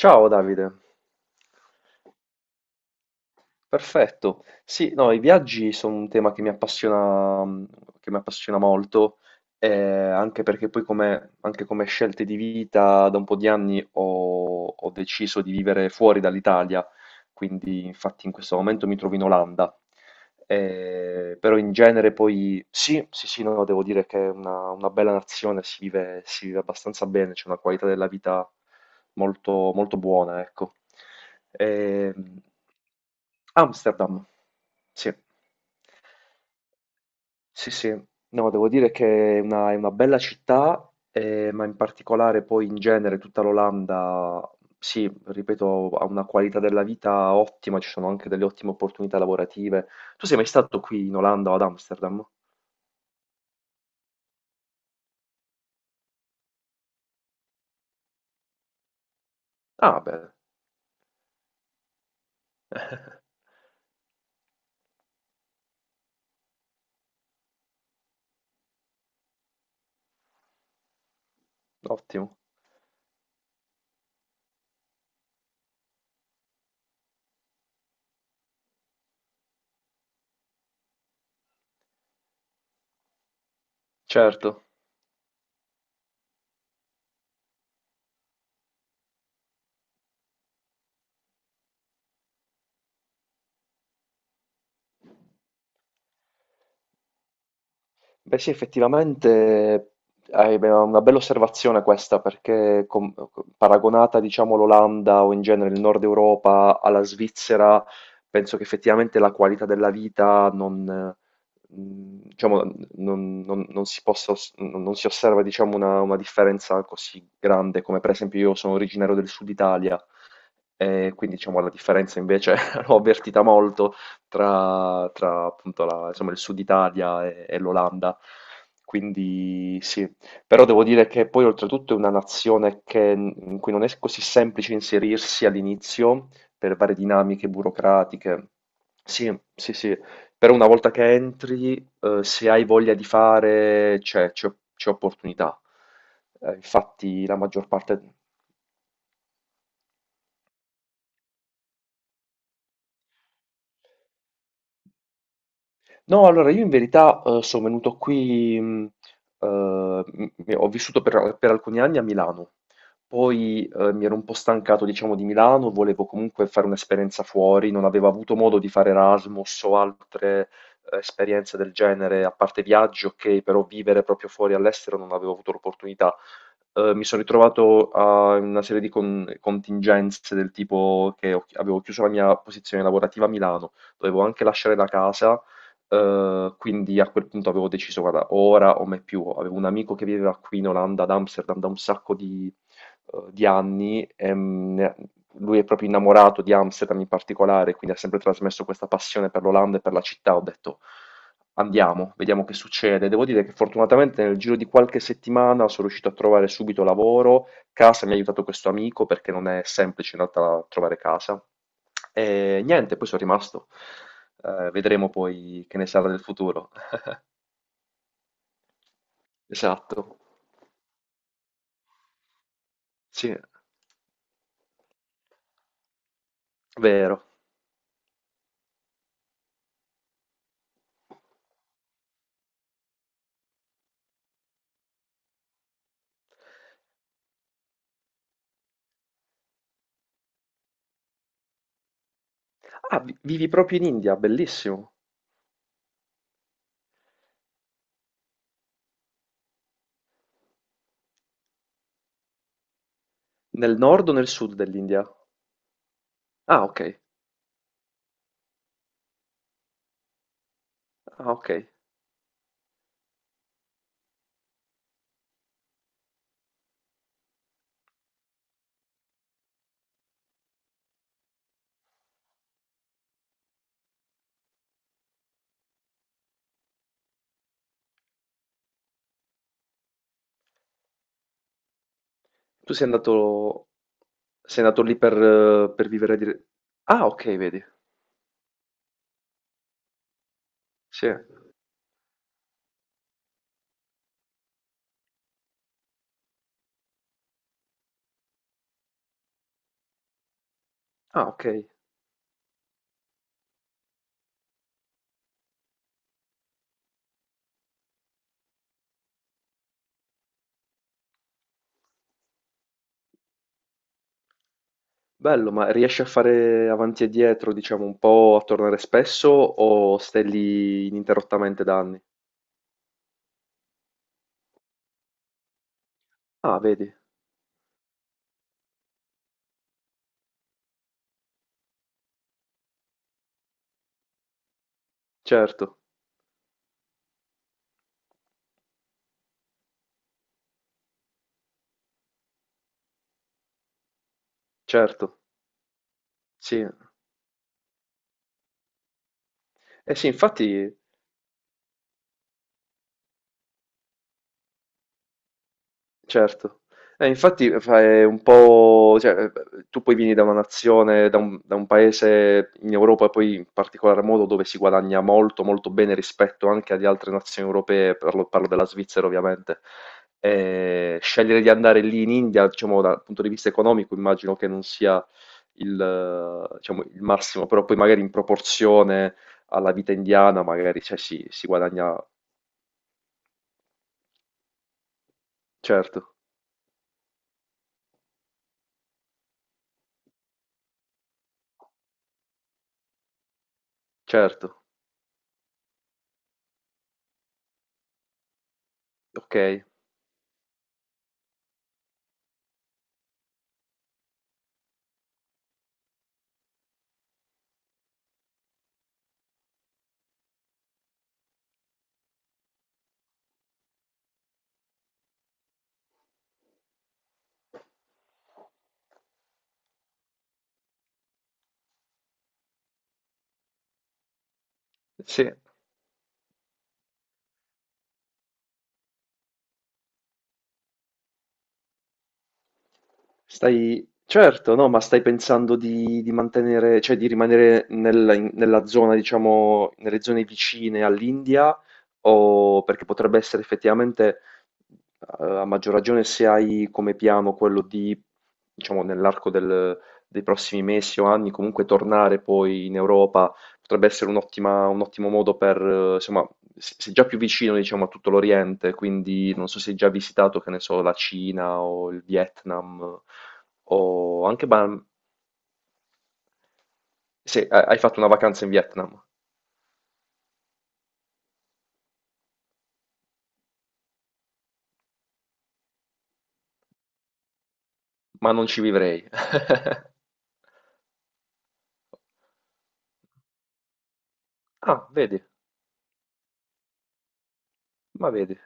Ciao Davide, perfetto. Sì, no, i viaggi sono un tema che mi appassiona, che mi appassiona molto, anche perché poi come, anche come scelte di vita da un po' di anni ho deciso di vivere fuori dall'Italia, quindi infatti in questo momento mi trovo in Olanda. Però in genere poi sì, sì, sì, no, devo dire che è una bella nazione, si vive abbastanza bene, c'è una qualità della vita molto, molto buona, ecco. Ehm, Amsterdam, sì. Sì, sì, no, devo dire che è una bella città, ma in particolare poi in genere tutta l'Olanda, sì, ripeto, ha una qualità della vita ottima, ci sono anche delle ottime opportunità lavorative. Tu sei mai stato qui in Olanda o ad Amsterdam? Ah, beh, ottimo, certo. Beh sì, effettivamente una bella osservazione questa, perché paragonata, diciamo, l'Olanda o in genere il Nord Europa alla Svizzera, penso che effettivamente la qualità della vita non, diciamo, non si possa, non si osserva, diciamo, una differenza così grande, come per esempio io sono originario del Sud Italia, e quindi, diciamo, la differenza invece l'ho avvertita molto tra, tra, appunto insomma, il sud Italia e l'Olanda. Quindi sì, però devo dire che poi oltretutto è una nazione in cui non è così semplice inserirsi all'inizio per varie dinamiche burocratiche. Sì, sì, sì, però una volta che entri, se hai voglia di fare, c'è opportunità. Infatti la maggior parte... No, allora io in verità sono venuto qui, eh, ho vissuto per alcuni anni a Milano, poi mi ero un po' stancato, diciamo, di Milano, volevo comunque fare un'esperienza fuori, non avevo avuto modo di fare Erasmus o altre esperienze del genere, a parte viaggi, ok, però vivere proprio fuori all'estero non avevo avuto l'opportunità. Mi sono ritrovato a una serie di contingenze del tipo che avevo chiuso la mia posizione lavorativa a Milano, dovevo anche lasciare la casa. Quindi a quel punto avevo deciso, guarda, ora o mai più. Avevo un amico che viveva qui in Olanda, ad Amsterdam, da un sacco di anni. E, lui è proprio innamorato di Amsterdam in particolare, quindi ha sempre trasmesso questa passione per l'Olanda e per la città. Ho detto, andiamo, vediamo che succede. Devo dire che fortunatamente nel giro di qualche settimana sono riuscito a trovare subito lavoro. Casa mi ha aiutato questo amico perché non è semplice in realtà trovare casa. E niente, poi sono rimasto. Vedremo poi che ne sarà del futuro. Esatto, sì, vero. Ah, vivi proprio in India, bellissimo. Nel nord o nel sud dell'India? Ah, ok. Ah, ok. Tu sei andato, sei andato lì per vivere Ah, ok, vedi. Sì. Ah, ok. Bello, ma riesci a fare avanti e dietro, diciamo, un po' a tornare spesso o stai lì ininterrottamente da anni? Ah, vedi. Certo, certo. Sì. Eh sì, infatti... Certo. Infatti è un po', cioè, tu poi vieni da una nazione, da un paese in Europa, poi in particolar modo dove si guadagna molto, molto bene rispetto anche ad altre nazioni europee, parlo, parlo della Svizzera ovviamente. Scegliere di andare lì in India, diciamo, dal punto di vista economico, immagino che non sia il, diciamo, il massimo, però poi magari in proporzione alla vita indiana, magari, cioè, si guadagna, certo, certo, ok. Sì. Stai certo, no, ma stai pensando di mantenere cioè di rimanere nella zona, diciamo nelle zone vicine all'India, o perché potrebbe essere effettivamente, a maggior ragione se hai come piano quello di diciamo nell'arco del dei prossimi mesi o anni comunque tornare poi in Europa. Potrebbe essere un ottimo modo per insomma, s sei già più vicino diciamo a tutto l'Oriente, quindi non so se hai già visitato, che ne so, la Cina o il Vietnam o anche ban se ha hai fatto una vacanza in Vietnam, ma non ci vivrei. Ah, vedi, ma vedi.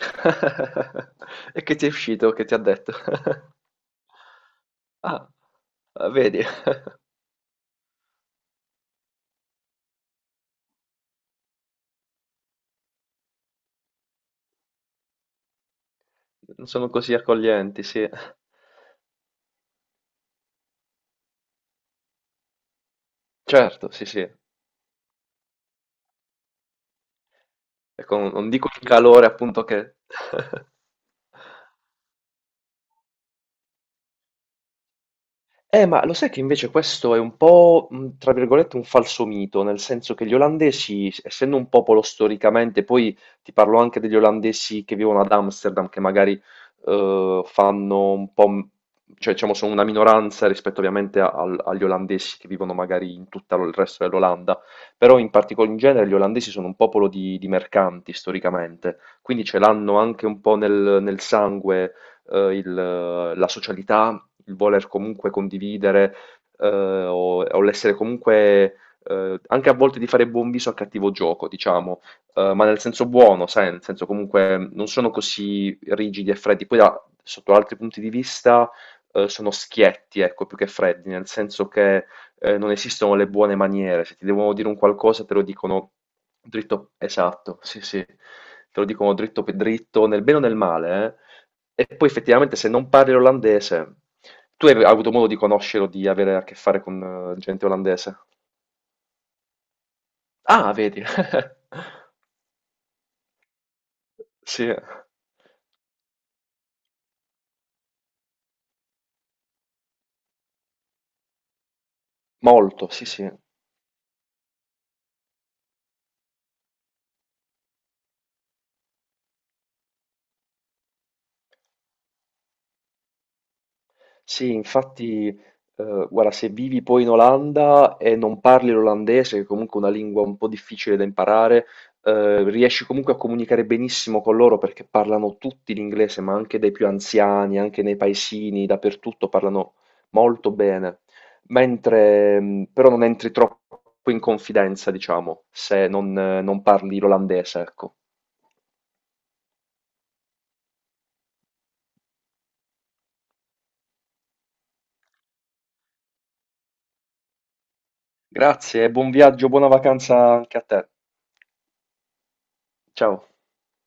E che ti è uscito? Che ti ha detto? Ah, vedi, sono così accoglienti, sì. Certo, sì, sì. Ecco, non dico il calore appunto che ma lo sai che invece questo è un po', tra virgolette, un falso mito, nel senso che gli olandesi, essendo un popolo storicamente, poi ti parlo anche degli olandesi che vivono ad Amsterdam, che magari fanno un po', cioè diciamo sono una minoranza rispetto ovviamente agli olandesi che vivono magari in tutto il resto dell'Olanda, però in particolare in genere gli olandesi sono un popolo di mercanti storicamente, quindi ce l'hanno anche un po' nel, nel sangue la socialità, il voler comunque condividere, o l'essere comunque, anche a volte di fare buon viso al cattivo gioco, diciamo, ma nel senso buono, sai, nel senso comunque non sono così rigidi e freddi. Poi sotto altri punti di vista sono schietti, ecco, più che freddi, nel senso che non esistono le buone maniere. Se ti devono dire un qualcosa, te lo dicono dritto, esatto, sì, sì, te lo dicono dritto per dritto, nel bene o nel male, eh. E poi effettivamente se non parli l'olandese tu hai avuto modo di conoscere o di avere a che fare con gente olandese? Ah, vedi. Sì, molto, sì, sì. Sì, infatti, guarda, se vivi poi in Olanda e non parli l'olandese, che è comunque una lingua un po' difficile da imparare, riesci comunque a comunicare benissimo con loro perché parlano tutti l'inglese, ma anche dai più anziani, anche nei paesini, dappertutto parlano molto bene. Mentre, però non entri troppo in confidenza, diciamo, se non, non parli l'olandese, ecco. Grazie, buon viaggio, buona vacanza anche a te. Ciao.